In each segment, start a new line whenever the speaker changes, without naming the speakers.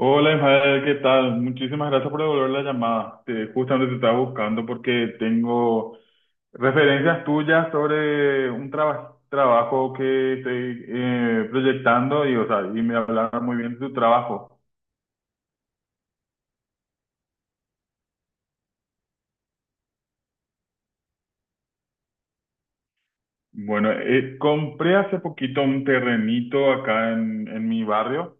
Hola, Ismael, ¿qué tal? Muchísimas gracias por devolver la llamada. Justamente te estaba buscando porque tengo referencias tuyas sobre un trabajo que estoy proyectando y, o sea, y me hablaron muy bien de tu trabajo. Bueno, compré hace poquito un terrenito acá en mi barrio,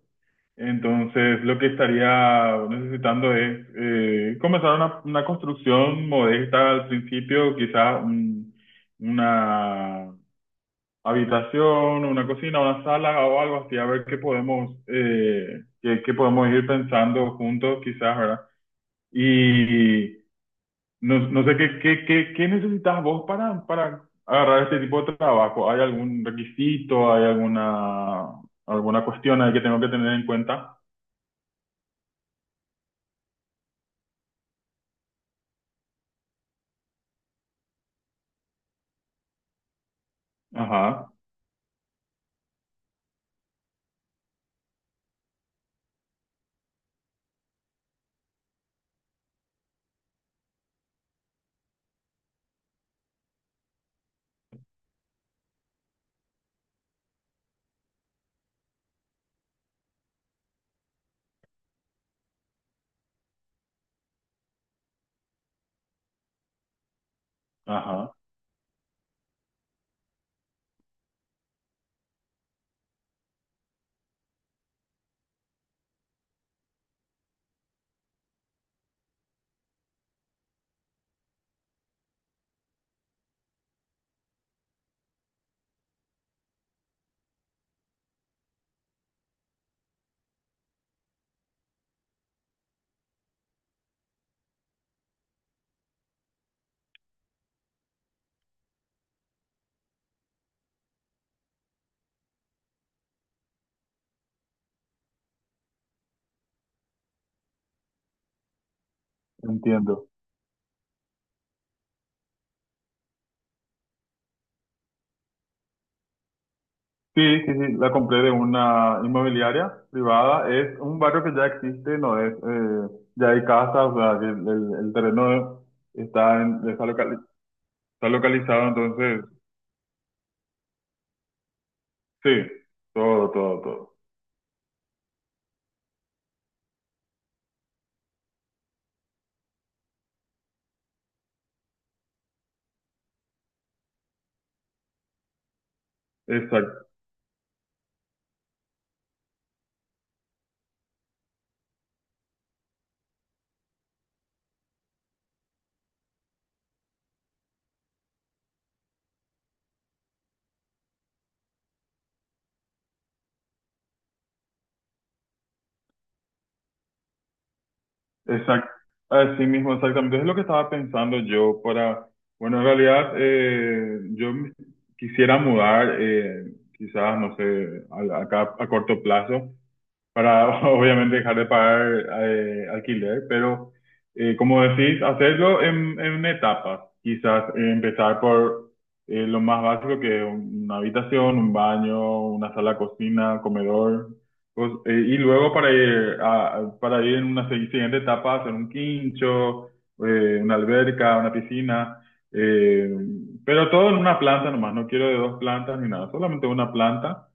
entonces lo que estaría necesitando es comenzar una construcción modesta al principio, quizás una habitación, una cocina, una sala o algo así, a ver qué qué podemos ir pensando juntos quizás, ¿verdad? Y no, no sé qué necesitas vos para agarrar este tipo de trabajo. ¿Hay algún requisito? ¿Hay alguna cuestión ahí que tengo que tener en cuenta? Ajá, ajá, entiendo. Sí, sí, sí, la compré de una inmobiliaria privada. Es un barrio que ya existe, no es, ya hay casas, o sea, que el terreno está, en- está, locali- está localizado, entonces, sí, todo, todo, todo. Exacto, exacto. Así mismo, exactamente. Es lo que estaba pensando yo para, bueno, en realidad, yo quisiera mudar, quizás, no sé, acá a corto plazo. Para obviamente dejar de pagar alquiler, pero como decís, hacerlo en etapas. Quizás empezar por lo más básico, que es una habitación, un baño, una sala, cocina, comedor, pues, y luego para ir en una siguiente etapa, hacer un quincho, una alberca, una piscina. eh, pero todo en una planta nomás, no quiero de dos plantas ni nada, solamente una planta.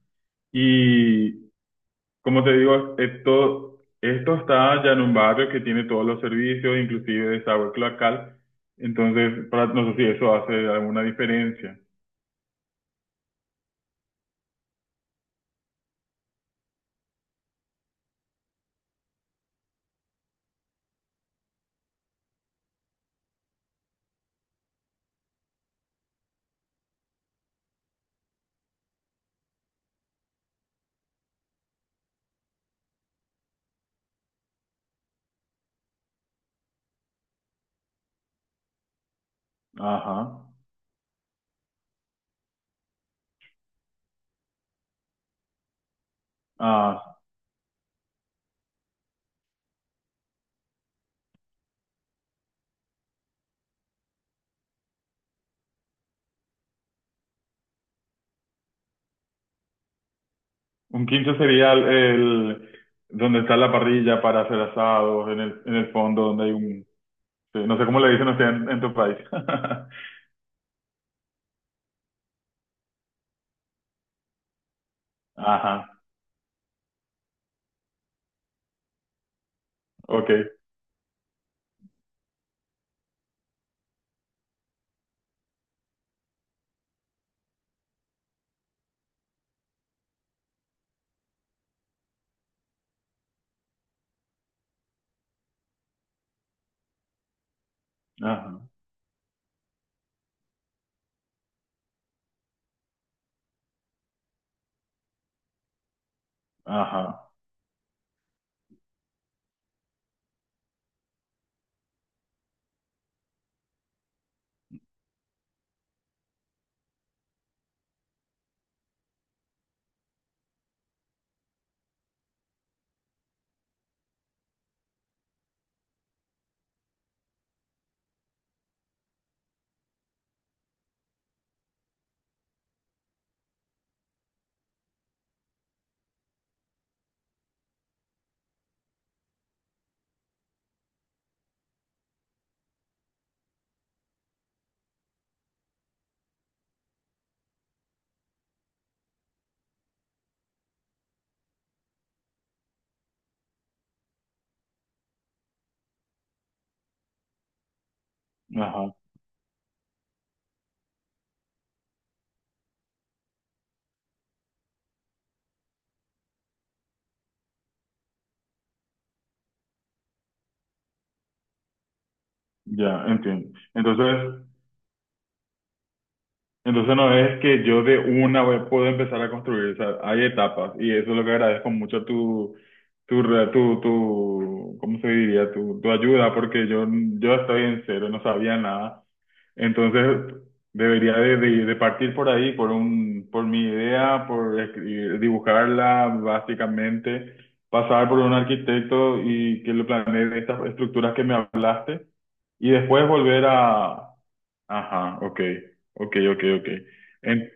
Como te digo, esto está ya en un barrio que tiene todos los servicios, inclusive desagüe cloacal. Entonces, para, no sé si eso hace alguna diferencia. Ajá. Ah, un quincho sería donde está la parrilla para hacer asados, en el fondo donde hay un... Sí, no sé cómo le dicen ustedes en tu país. Ajá, ok. Ajá, ajá, ajá. Ya, entiendo. Entonces no es que yo de una vez puedo empezar a construir, o sea, hay etapas, y eso es lo que agradezco mucho tu, tu, ¿cómo se diría? Tu ayuda, porque yo estoy en cero, no sabía nada. Entonces debería de partir por ahí, por mi idea, por dibujarla básicamente, pasar por un arquitecto y que lo planee de estas estructuras que me hablaste, y después volver a... Ajá, ok, ok, ok, ok. En-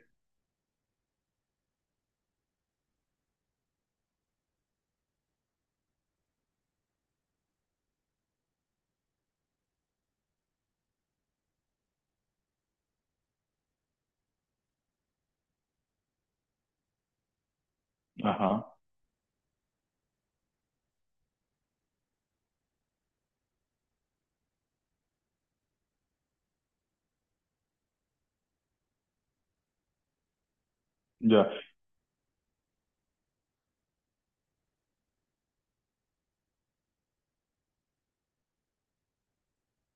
ajá, ya,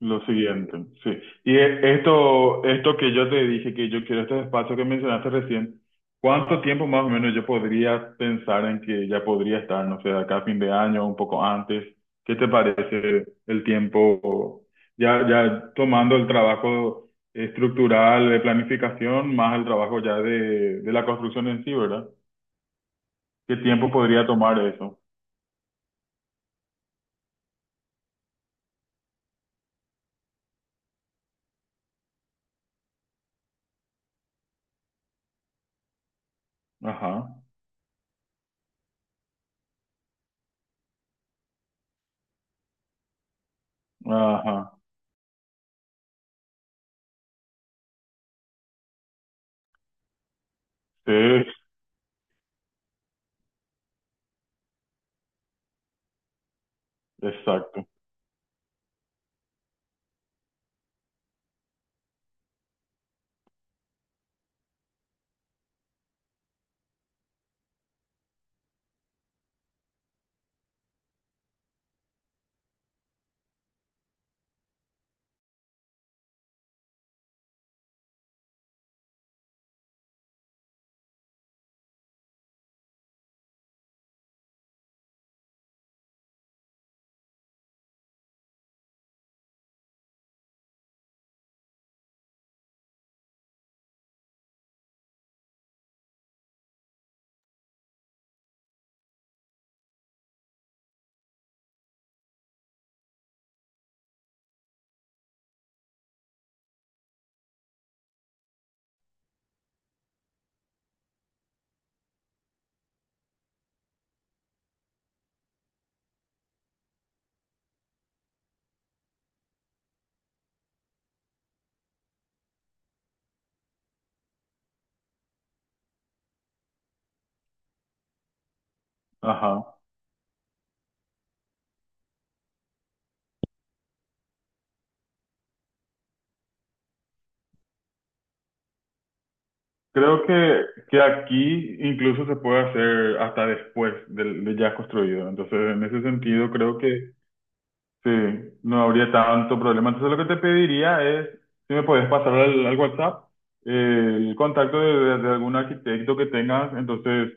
lo siguiente, sí. Y esto que yo te dije, que yo quiero este espacio que mencionaste recién, ¿cuánto tiempo más o menos yo podría pensar en que ya podría estar, no sé, de acá a fin de año, un poco antes? ¿Qué te parece el tiempo? Ya, ya tomando el trabajo estructural de planificación, más el trabajo ya de la construcción en sí, ¿verdad? ¿Qué tiempo podría tomar eso? Ajá, ajá. Sí, exacto. Ajá. Creo que aquí incluso se puede hacer hasta después de, ya construido. Entonces, en ese sentido, creo que sí, no habría tanto problema. Entonces, lo que te pediría es, si me puedes pasar al WhatsApp el contacto de algún arquitecto que tengas. Entonces,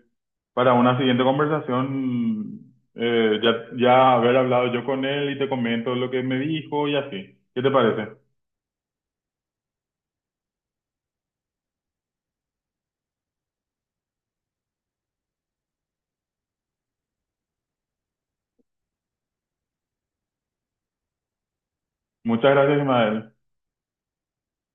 para una siguiente conversación, ya, ya haber hablado yo con él y te comento lo que me dijo y así. ¿Qué te parece? Muchas gracias, Ismael.